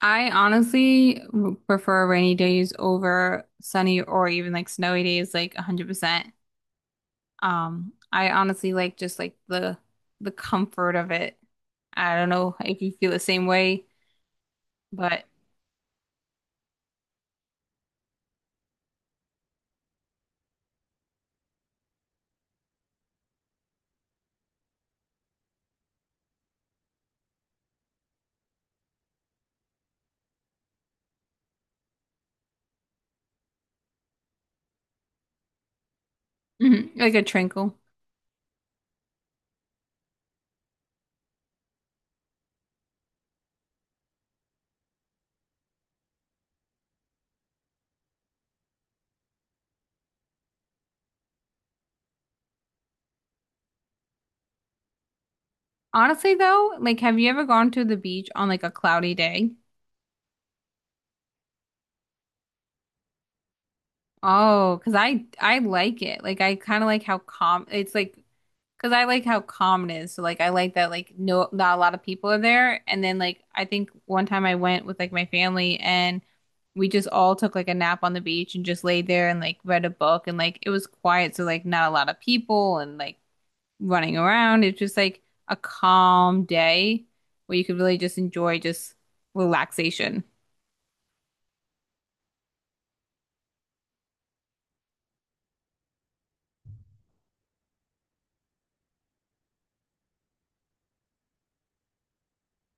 I honestly prefer rainy days over sunny or even like snowy days, like 100%. I honestly like just like the comfort of it. I don't know if you feel the same way, but mhm, like a tranquil. Honestly though, like have you ever gone to the beach on like a cloudy day? Oh, because I like it. Like I kind of like how calm it's like because I like how calm it is. So like I like that like no not a lot of people are there. And then like I think one time I went with like my family and we just all took like a nap on the beach and just laid there and like read a book and like it was quiet. So like not a lot of people and like running around. It's just like a calm day where you could really just enjoy just relaxation.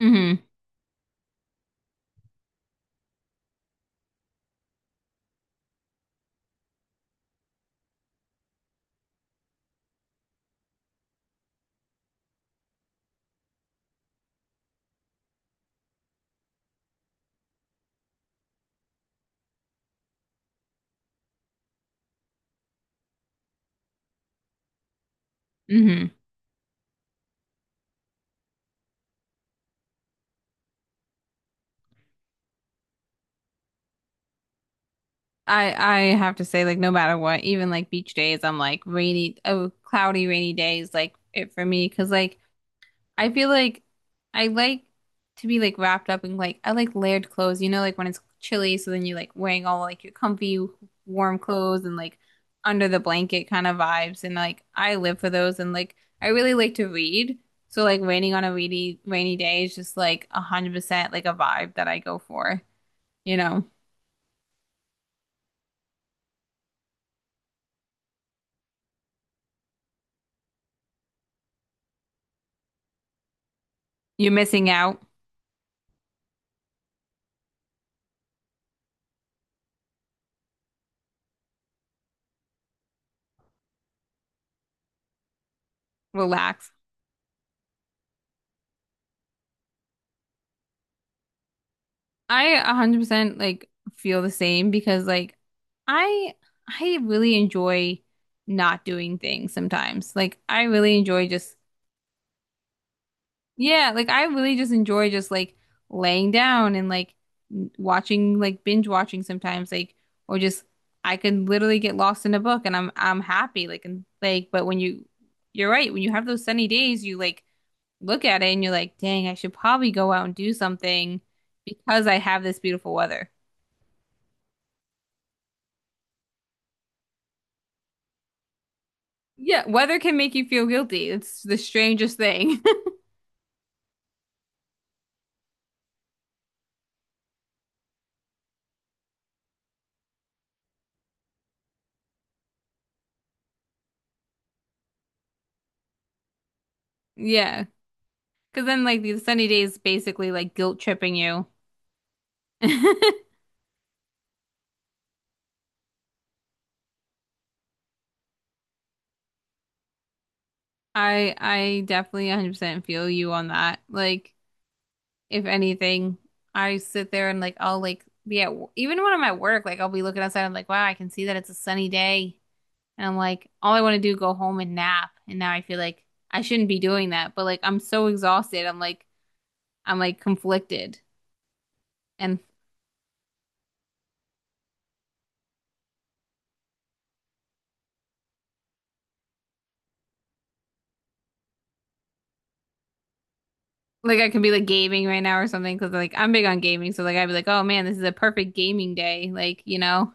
Mm-hmm. Mm-hmm. I I have to say, like, no matter what, even like beach days, I'm like rainy, oh, cloudy, rainy days, like it for me, because like I feel like I like to be like wrapped up in like I like layered clothes, you know, like when it's chilly, so then you're like wearing all like your comfy, warm clothes and like under the blanket kind of vibes, and like I live for those, and like I really like to read, so like raining on a rainy day is just like 100% like a vibe that I go for, you know, you're missing out, relax. I 100% like feel the same because like I I really enjoy not doing things sometimes. Like I really enjoy just yeah, like I really just enjoy just like laying down and like watching like binge watching sometimes like or just I can literally get lost in a book and I'm happy like and like but when you you're right, when you have those sunny days, you like look at it and you're like, "Dang, I should probably go out and do something because I have this beautiful weather." Yeah, weather can make you feel guilty. It's the strangest thing. Yeah, because then like the sunny days basically like guilt tripping you. I I definitely 100% feel you on that. Like if anything, I sit there and like I'll like be at even when I'm at work, like I'll be looking outside. I'm like, wow, I can see that it's a sunny day, and I'm like, all I want to do is go home and nap. And now I feel like I shouldn't be doing that, but like I'm so exhausted. I'm like conflicted, and like I could be like gaming right now or something because like I'm big on gaming, so like I'd be like, oh man, this is a perfect gaming day. Like, you know,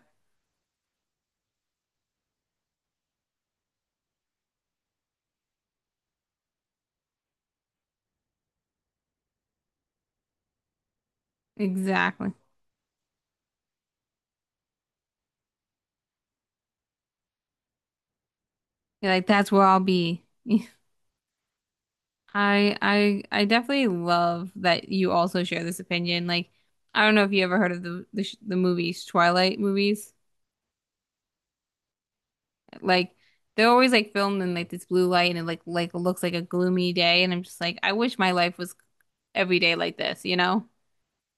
exactly. You're like that's where I'll be. I definitely love that you also share this opinion. Like, I don't know if you ever heard of the the movies, Twilight movies. Like, they're always like filmed in like this blue light and it like looks like a gloomy day, and I'm just like, I wish my life was every day like this, you know?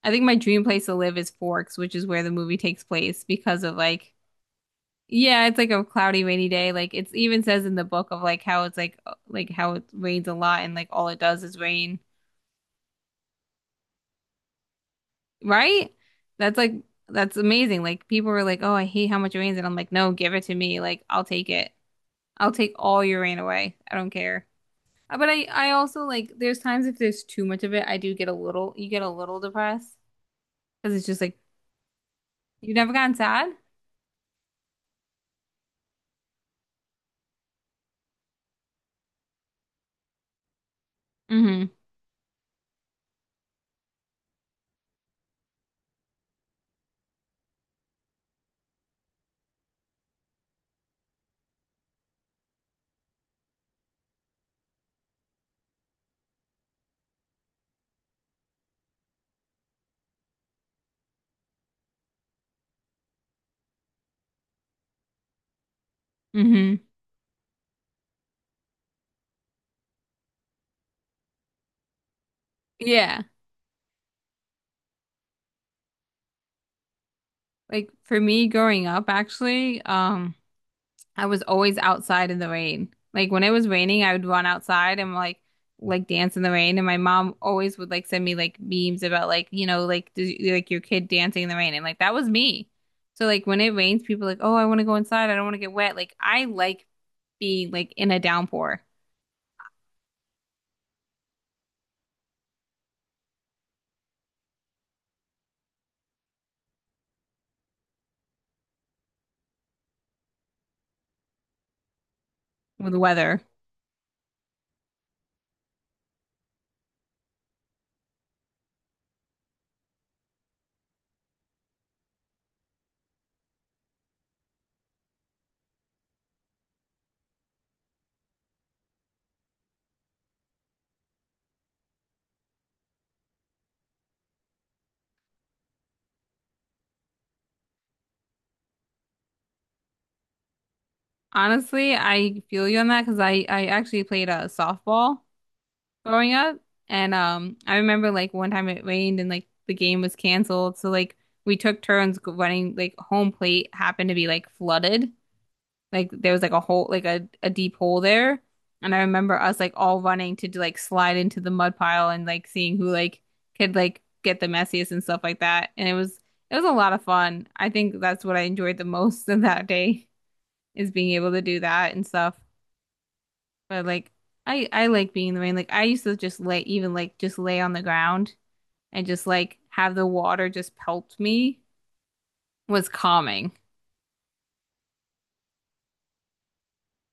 I think my dream place to live is Forks, which is where the movie takes place because of like yeah, it's like a cloudy, rainy day. Like it's even says in the book of like how it's like how it rains a lot and like all it does is rain, right? That's like that's amazing. Like people were like, "Oh, I hate how much it rains," and I'm like, "No, give it to me. Like I'll take it. I'll take all your rain away. I don't care." But I also like there's times if there's too much of it, I do get a little you get a little depressed because it's just like you've never gotten sad. Mm-hmm. Mm-hmm. Yeah. Like for me growing up, actually. I was always outside in the rain. Like when it was raining, I would run outside and like dance in the rain. And my mom always would like send me like memes about like you know like does, like your kid dancing in the rain. And like that was me. So like when it rains, people are like oh I want to go inside. I don't want to get wet. Like I like being like in a downpour with weather. Honestly, I feel you on that because I actually played a softball growing up. And I remember like one time it rained and like the game was canceled. So like we took turns running like home plate happened to be like flooded. Like there was like a hole, like a deep hole there. And I remember us like all running to do, like slide into the mud pile and like seeing who like could like get the messiest and stuff like that. And it was a lot of fun. I think that's what I enjoyed the most of that day is being able to do that and stuff. But like I like being in the rain. Like I used to just lay even like just lay on the ground and just like have the water just pelt me was calming.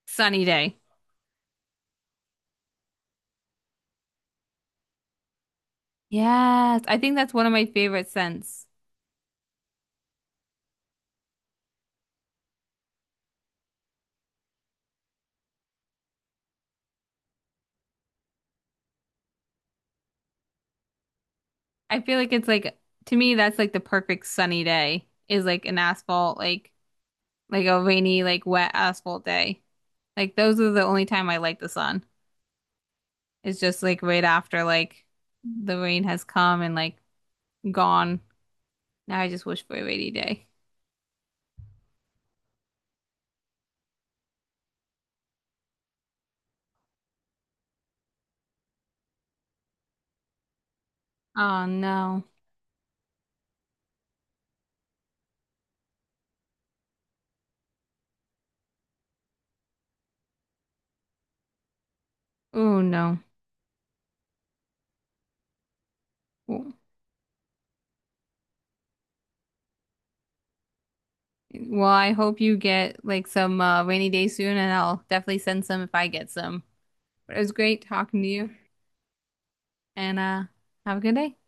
Sunny day. Yes, I think that's one of my favorite scents. I feel like it's like to me that's like the perfect sunny day is like an asphalt like a rainy like wet asphalt day. Like those are the only time I like the sun. It's just like right after like the rain has come and like gone. Now I just wish for a rainy day. Oh no. Oh no. W- Well, I hope you get like some rainy day soon, and I'll definitely send some if I get some. But it was great talking to you, and have a good day.